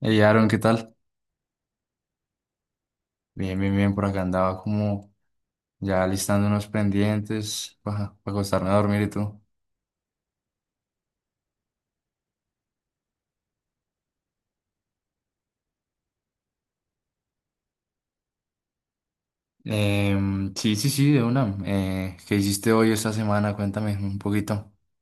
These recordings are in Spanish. Hey Aaron, ¿qué tal? Bien, bien, bien, por acá andaba como ya listando unos pendientes para acostarme a dormir y tú. Sí, sí, sí, de una. ¿Qué hiciste hoy esta semana? Cuéntame un poquito.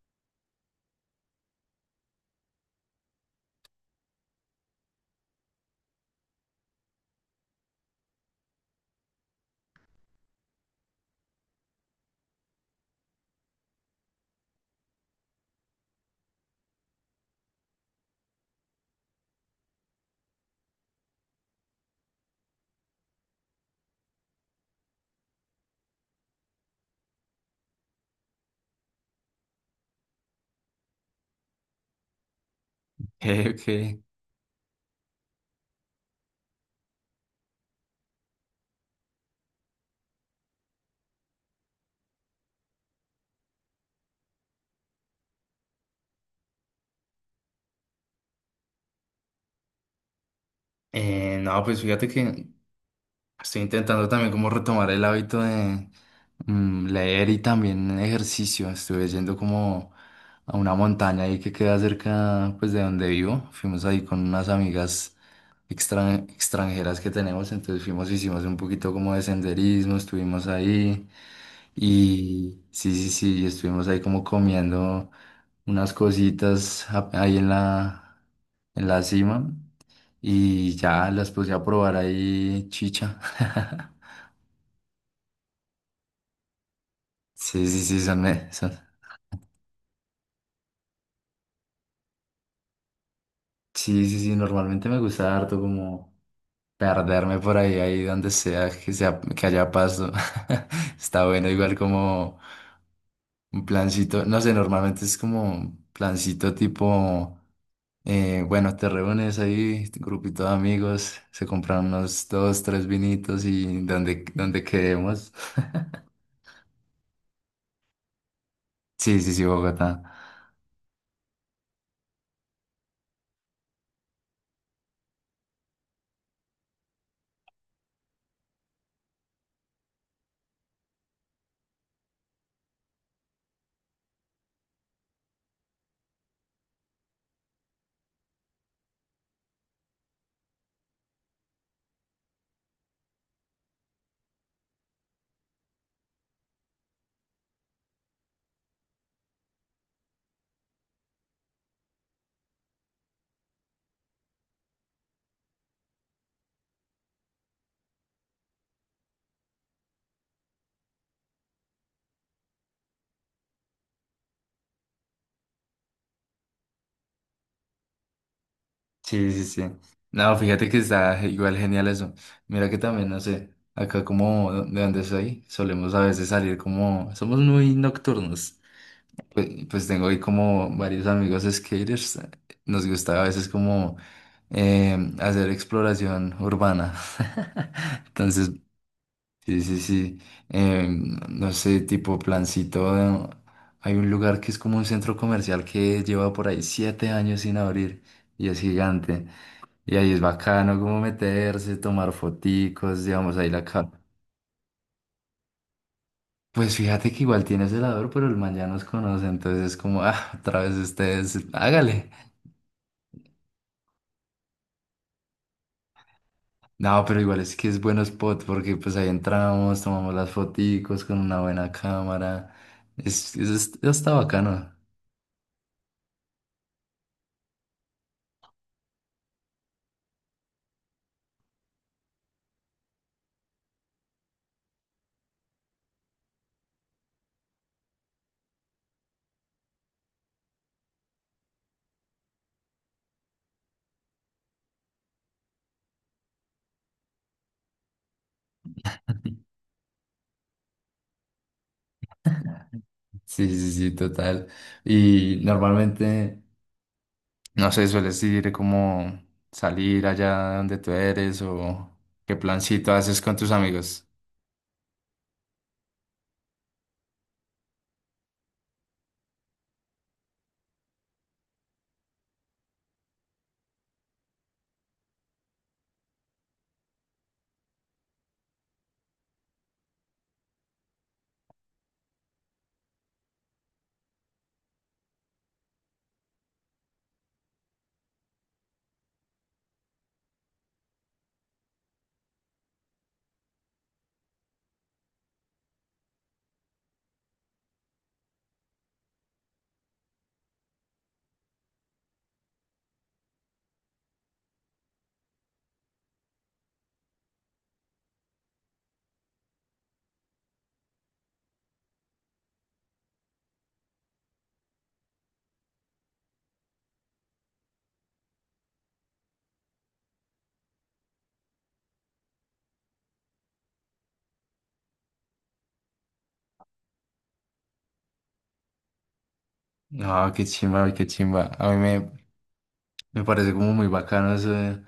Ok. No, pues fíjate que estoy intentando también como retomar el hábito de, leer y también ejercicio. Estuve yendo como a una montaña ahí que queda cerca pues de donde vivo. Fuimos ahí con unas amigas extranjeras que tenemos, entonces fuimos, hicimos un poquito como de senderismo, estuvimos ahí y sí, sí, sí, y estuvimos ahí como comiendo unas cositas ahí en en la cima y ya las puse a probar ahí chicha. Sí, sí, sí, son, son. Sí, sí, sí, normalmente me gusta harto como perderme por ahí, ahí donde sea, que haya paso. Está bueno, igual como un plancito, no sé, normalmente es como un plancito tipo, bueno, te reúnes ahí, tu grupito de amigos, se compran unos dos, tres vinitos y donde, donde quedemos. Sí, sí, sí, Bogotá. Sí, sí, sí. No, fíjate que está igual genial eso. Mira que también, no sé, acá como de donde soy, solemos a veces salir como, somos muy nocturnos. Pues, pues tengo ahí como varios amigos skaters. Nos gusta a veces como hacer exploración urbana. Entonces, sí, sí, sí. No sé, tipo plancito. Hay un lugar que es como un centro comercial que lleva por ahí siete años sin abrir y es gigante. Y ahí es bacano como meterse, tomar foticos, digamos, ahí la cara. Pues fíjate que igual tiene celador, pero el man ya nos conoce, entonces es como, ah, otra vez ustedes, hágale. No, pero igual es que es buen spot porque pues ahí entramos, tomamos las foticos con una buena cámara. Es, está bacano. Sí, sí, sí, total. Y normalmente, no sé, sueles ir como salir allá donde tú eres o qué plancito haces con tus amigos. No, qué chimba, qué chimba. A mí me, me parece como muy bacano eso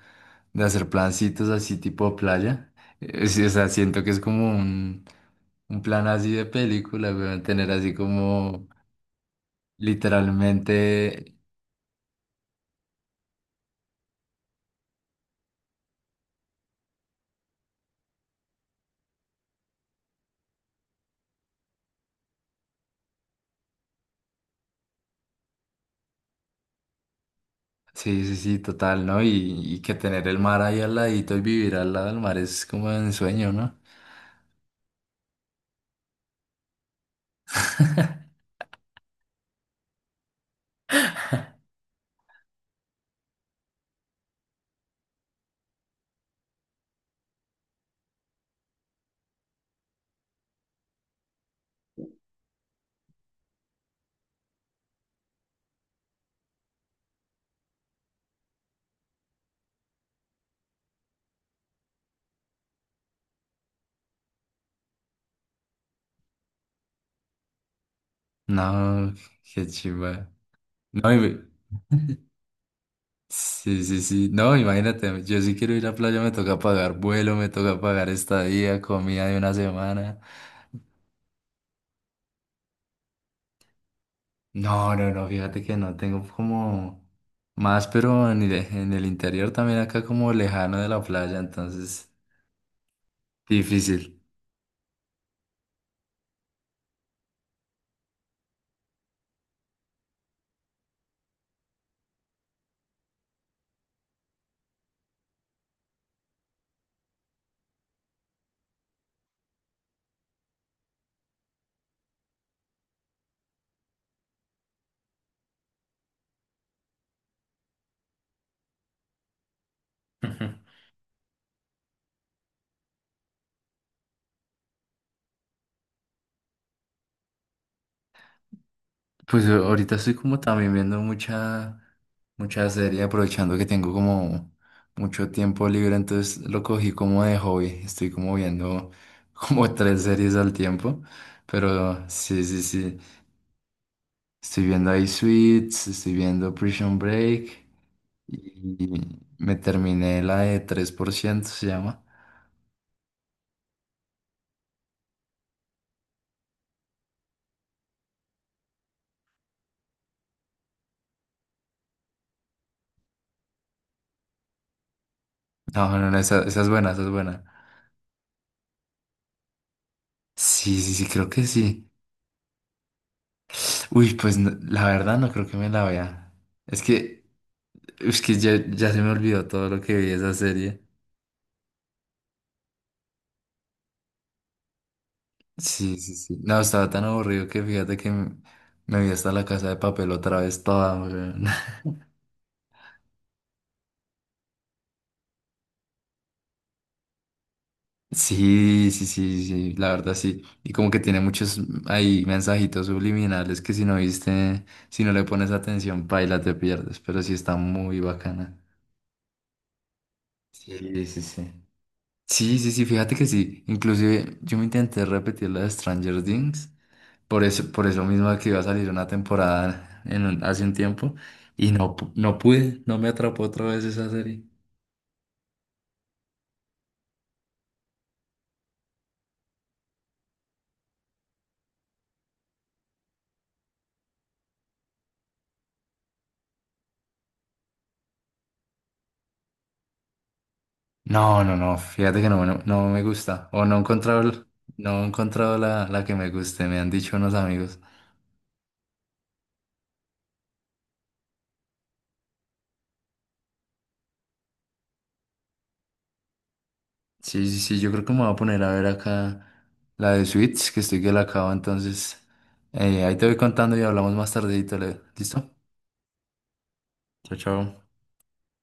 de hacer plancitos así tipo playa. Sí, o sea, siento que es como un plan así de película, weón, tener así como literalmente, sí, sí, sí, total, ¿no? Y que tener el mar ahí al ladito y vivir al lado del mar es como un sueño, ¿no? No, qué chimba. No, y, sí, sí, sí. No, imagínate, yo sí quiero ir a playa, me toca pagar vuelo, me toca pagar estadía, comida de una semana. No, no, no, fíjate que no, tengo como más, pero en en el interior también acá como lejano de la playa, entonces difícil. Pues ahorita estoy como también viendo mucha, mucha serie, aprovechando que tengo como mucho tiempo libre, entonces lo cogí como de hobby. Estoy como viendo como tres series al tiempo, pero sí, sí, sí. Estoy viendo ahí Suits, estoy viendo Prison Break y me terminé la de 3% se llama. No, no, no, esa es buena, esa es buena. Sí, sí, sí, creo que sí. Uy, pues la verdad no creo que me la vea. Es que es que ya, ya se me olvidó todo lo que vi de esa serie. Sí, sí, sí. No, estaba tan aburrido que fíjate que me vi hasta la Casa de Papel otra vez toda, weón. Sí, sí, sí, sí, la verdad sí. Y como que tiene muchos ahí mensajitos subliminales que si no viste, si no le pones atención, paila, te pierdes, pero sí está muy bacana. Sí, sí, sí. Sí, sí, sí, fíjate que sí. Inclusive yo me intenté repetir la de Stranger Things por eso, por eso mismo que iba a salir una temporada en hace un tiempo y no, no pude, no me atrapó otra vez esa serie. No, no, no, fíjate que no, no, no me gusta. O no he encontrado, no he encontrado la, la que me guste, me han dicho unos amigos. Sí, sí, sí, yo creo que me voy a poner a ver acá la de Suits, que estoy que la acabo, entonces ahí te voy contando y hablamos más tardito, ¿listo? Chao, chao.